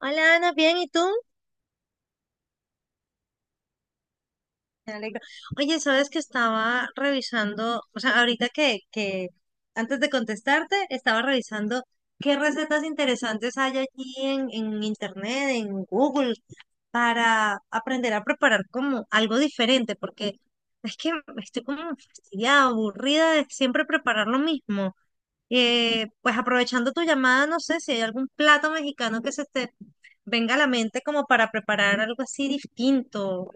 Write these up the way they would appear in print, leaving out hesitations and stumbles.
Hola Ana, bien, ¿y tú? Me alegro. Oye, sabes que estaba revisando, o sea, ahorita que antes de contestarte, estaba revisando qué recetas interesantes hay allí en internet, en Google, para aprender a preparar como algo diferente, porque es que estoy como fastidiada, aburrida de siempre preparar lo mismo. Pues aprovechando tu llamada, no sé si hay algún plato mexicano que se te venga a la mente como para preparar algo así distinto.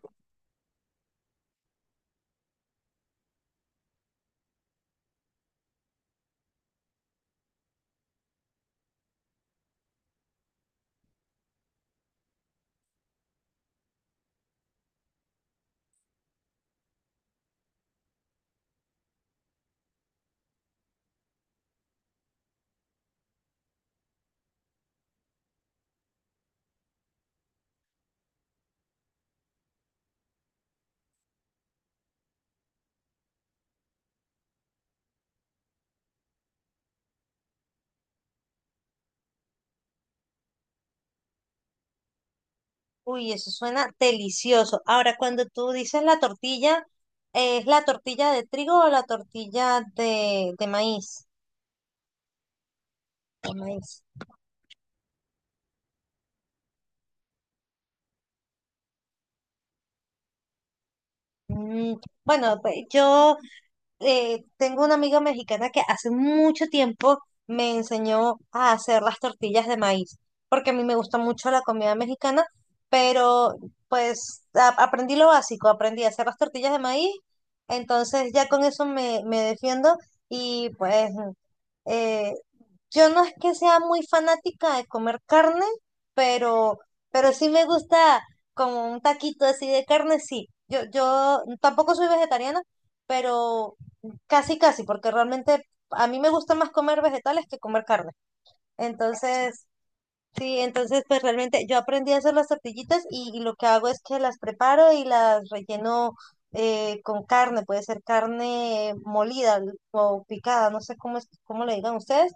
Uy, eso suena delicioso. Ahora, cuando tú dices la tortilla, ¿es la tortilla de trigo o la tortilla de maíz? De maíz. Mm, bueno, pues yo tengo una amiga mexicana que hace mucho tiempo me enseñó a hacer las tortillas de maíz, porque a mí me gusta mucho la comida mexicana, pero pues aprendí lo básico, aprendí a hacer las tortillas de maíz, entonces ya con eso me defiendo y pues eh, yo no es que sea muy fanática de comer carne, pero, pero, sí me gusta como un taquito así de carne, sí. Yo tampoco soy vegetariana, pero casi, casi, porque realmente a mí me gusta más comer vegetales que comer carne. Entonces, sí, entonces pues realmente yo aprendí a hacer las tortillitas y lo que hago es que las preparo y las relleno, con carne, puede ser carne molida o picada, no sé cómo es, cómo le digan ustedes.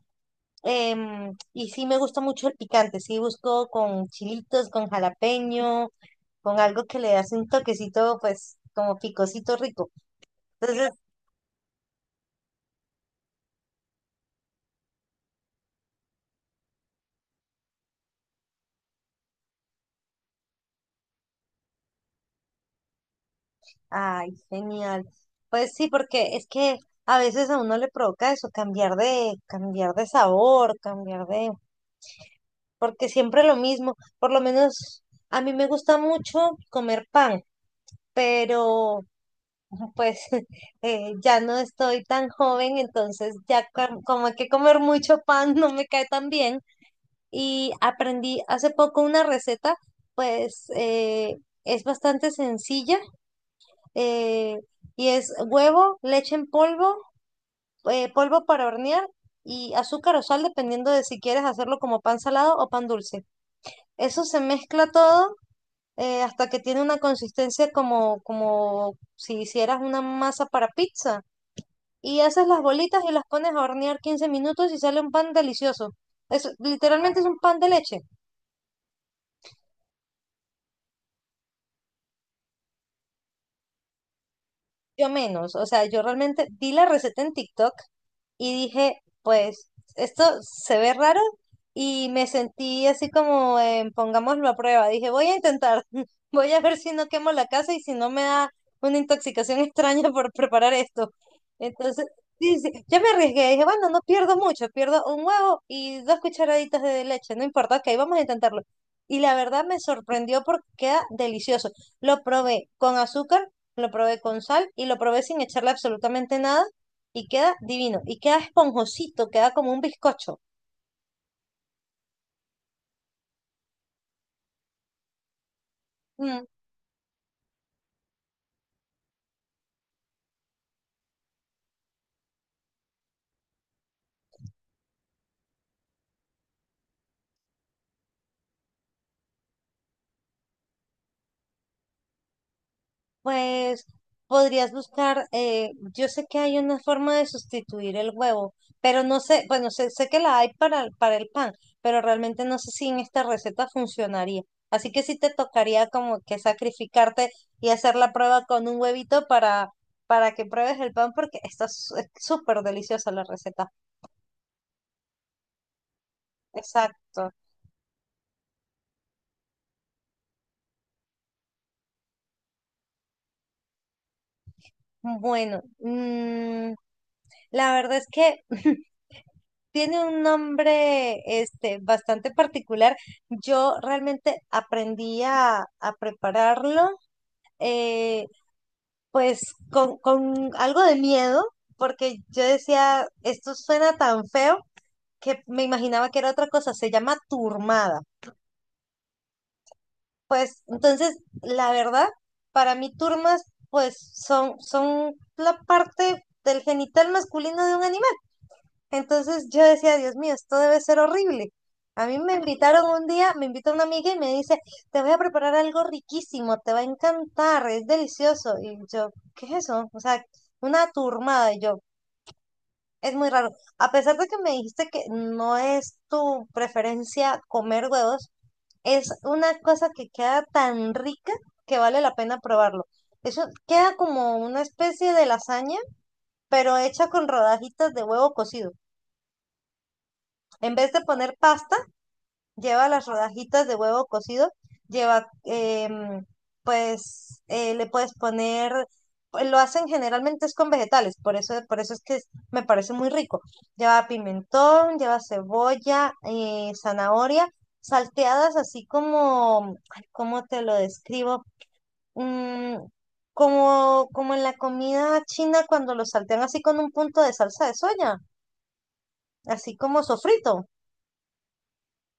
Y sí me gusta mucho el picante, sí busco con chilitos, con jalapeño, con algo que le hace un toquecito, pues como picosito rico. Entonces, ay, genial. Pues sí, porque es que a veces a uno le provoca eso, cambiar de sabor, porque siempre lo mismo. Por lo menos a mí me gusta mucho comer pan, pero pues ya no estoy tan joven, entonces ya como que comer mucho pan no me cae tan bien. Y aprendí hace poco una receta, pues es bastante sencilla, eh, y es huevo, leche en polvo, polvo para hornear y azúcar o sal, dependiendo de si quieres hacerlo como pan salado o pan dulce. Eso se mezcla todo hasta que tiene una consistencia como si hicieras una masa para pizza. Y haces las bolitas y las pones a hornear 15 minutos y sale un pan delicioso. Es, literalmente es un pan de leche. Yo menos, o sea, yo realmente di la receta en TikTok y dije, pues esto se ve raro y me sentí así como en pongámoslo a prueba. Dije, voy a intentar, voy a ver si no quemo la casa y si no me da una intoxicación extraña por preparar esto. Entonces, sí, sí, yo me arriesgué, dije, bueno, no pierdo mucho, pierdo un huevo y 2 cucharaditas de leche, no importa, ok, vamos a intentarlo. Y la verdad me sorprendió porque queda delicioso. Lo probé con azúcar, lo probé con sal y lo probé sin echarle absolutamente nada y queda divino, y queda esponjosito, queda como un bizcocho. Mm, Pues podrías buscar, yo sé que hay una forma de sustituir el huevo, pero no sé, bueno, sé, que la hay para, para el pan, pero realmente no sé si en esta receta funcionaría. Así que sí te tocaría como que sacrificarte y hacer la prueba con un huevito para que pruebes el pan, porque está es súper deliciosa la receta. Exacto. Bueno, la verdad es que tiene un nombre este, bastante particular. Yo realmente aprendí a prepararlo, eh, pues con algo de miedo, porque yo decía, esto suena tan feo que me imaginaba que era otra cosa, se llama turmada. Pues entonces, la verdad, para mí turmas, pues son la parte del genital masculino de un animal. Entonces yo decía, Dios mío, esto debe ser horrible. A mí me invitaron un día, me invita una amiga y me dice, te voy a preparar algo riquísimo, te va a encantar, es delicioso. Y yo, ¿qué es eso? O sea, una turmada. Y yo, es muy raro. A pesar de que me dijiste que no es tu preferencia comer huevos, es una cosa que queda tan rica que vale la pena probarlo. Eso queda como una especie de lasaña, pero hecha con rodajitas de huevo cocido. En vez de poner pasta, lleva las rodajitas de huevo cocido, lleva, pues, le puedes poner, pues, lo hacen generalmente es con vegetales, por eso, es que me parece muy rico. Lleva pimentón, lleva cebolla, zanahoria, salteadas así como, ay, ¿cómo te lo describo? Mm, como en la comida china cuando lo saltean así con un punto de salsa de soya, así como sofrito.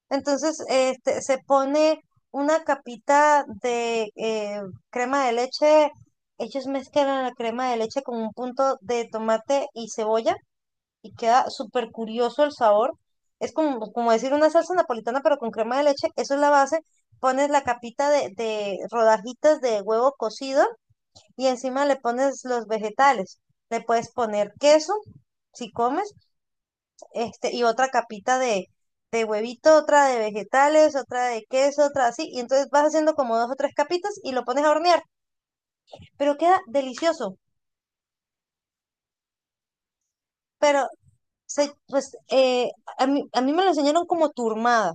Entonces, este, se pone una capita de crema de leche. Ellos mezclan la crema de leche con un punto de tomate y cebolla y queda súper curioso el sabor. Es como, decir una salsa napolitana, pero con crema de leche. Eso es la base. Pones la capita de rodajitas de huevo cocido y encima le pones los vegetales. Le puedes poner queso si comes este, y otra capita de huevito, otra de vegetales, otra de queso, otra así, y entonces vas haciendo como dos o tres capitas y lo pones a hornear, pero queda delicioso, pero se, pues a mí, me lo enseñaron como turmada.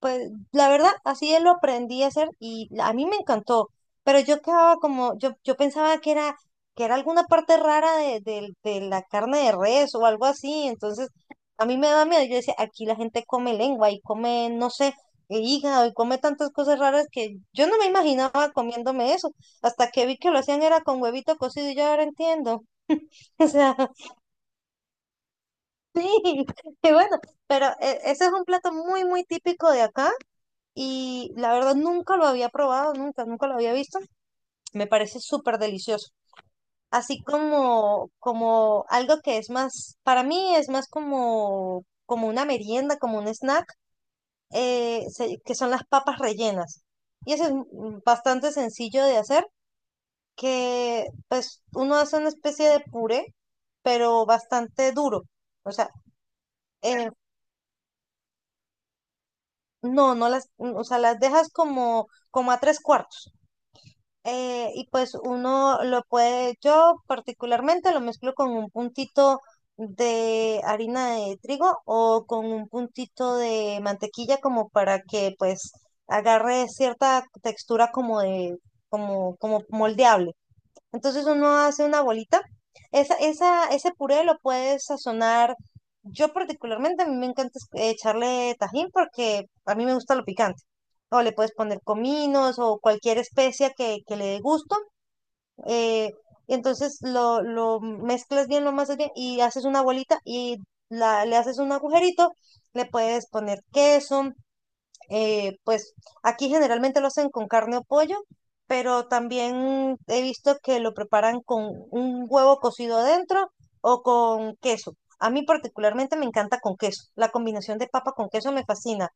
Pues la verdad, así él lo aprendí a hacer y a mí me encantó, pero yo quedaba como, yo pensaba que era alguna parte rara de, de la carne de res o algo así, entonces a mí me daba miedo, yo decía, aquí la gente come lengua y come, no sé, hígado y come tantas cosas raras que yo no me imaginaba comiéndome eso, hasta que vi que lo hacían era con huevito cocido y yo ahora entiendo. O sea, sí. Y bueno, pero ese es un plato muy, muy típico de acá y la verdad nunca lo había probado, nunca, nunca lo había visto. Me parece súper delicioso. Así como, como, algo que es más, para mí es más como una merienda, como un snack, que son las papas rellenas. Y eso es, bastante sencillo de hacer, que pues uno hace una especie de puré, pero bastante duro. O sea, eh, no, no las, o sea, las dejas como a tres cuartos. Y pues uno lo puede, yo particularmente lo mezclo con un puntito de harina de trigo o con un puntito de mantequilla como para que pues agarre cierta textura como de, como moldeable. Entonces uno hace una bolita. Ese puré lo puedes sazonar. Yo particularmente, a mí me encanta echarle tajín porque a mí me gusta lo picante. O le puedes poner cominos o cualquier especia que le dé gusto. eh, y entonces lo mezclas bien, lo amasas bien y haces una bolita y le haces un agujerito. Le puedes poner queso, pues aquí generalmente lo hacen con carne o pollo, pero también he visto que lo preparan con un huevo cocido adentro o con queso. A mí particularmente me encanta con queso. La combinación de papa con queso me fascina.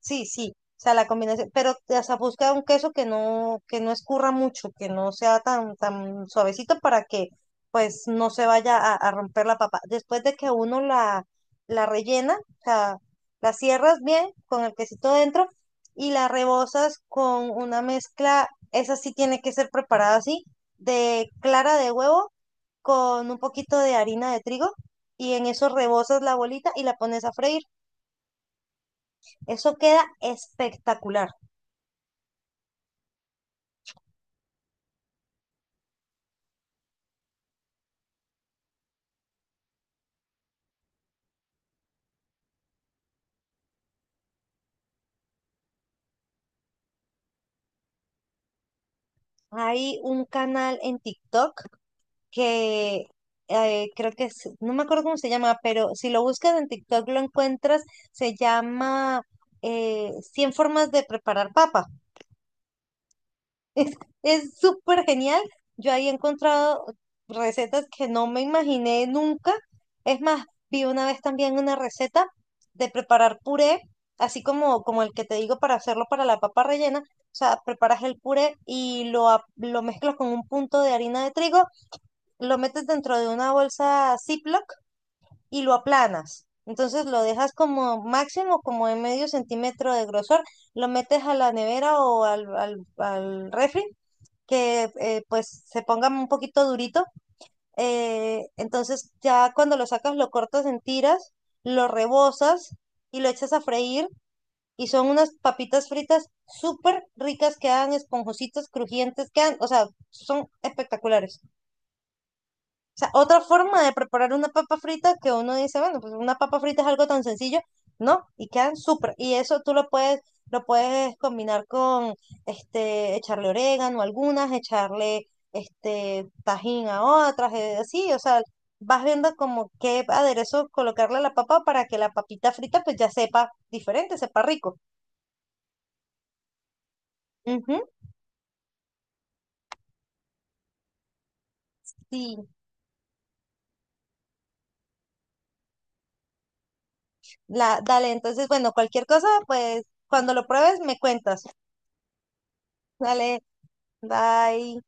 Sí, sí, o sea, la combinación, pero o sea, busca un queso que no, escurra mucho, que no sea tan, tan suavecito para que pues no se vaya a romper la papa. Después de que uno la rellena, o sea, la cierras bien con el quesito dentro y la rebozas con una mezcla, esa sí tiene que ser preparada así, de clara de huevo con un poquito de harina de trigo y en eso rebozas la bolita y la pones a freír. Eso queda espectacular. Hay un canal en TikTok que creo que es, no me acuerdo cómo se llama, pero si lo buscas en TikTok lo encuentras, se llama 100 formas de preparar papas. Es, es súper genial. Yo ahí he encontrado recetas que no me imaginé nunca. Es más, vi una vez también una receta de preparar puré, así como, el que te digo para hacerlo para la papa rellena. O sea, preparas el puré y lo mezclas con un punto de harina de trigo, lo metes dentro de una bolsa Ziploc y lo aplanas. Entonces lo dejas como máximo, como en medio centímetro de grosor, lo metes a la nevera o al refri que pues se ponga un poquito durito. Entonces ya cuando lo sacas lo cortas en tiras, lo rebozas y lo echas a freír y son unas papitas fritas súper ricas, quedan esponjositas, crujientes, quedan, o sea, son espectaculares. Sea, otra forma de preparar una papa frita que uno dice, bueno, pues una papa frita es algo tan sencillo, ¿no? Y quedan súper. Y eso tú lo puedes, combinar con, este, echarle orégano a algunas, echarle, este, tajín a otras, así, o sea, vas viendo como qué aderezo colocarle a la papa para que la papita frita pues ya sepa diferente, sepa rico. Ujú, sí, dale, entonces, bueno, cualquier cosa, pues cuando lo pruebes me cuentas. Dale, bye.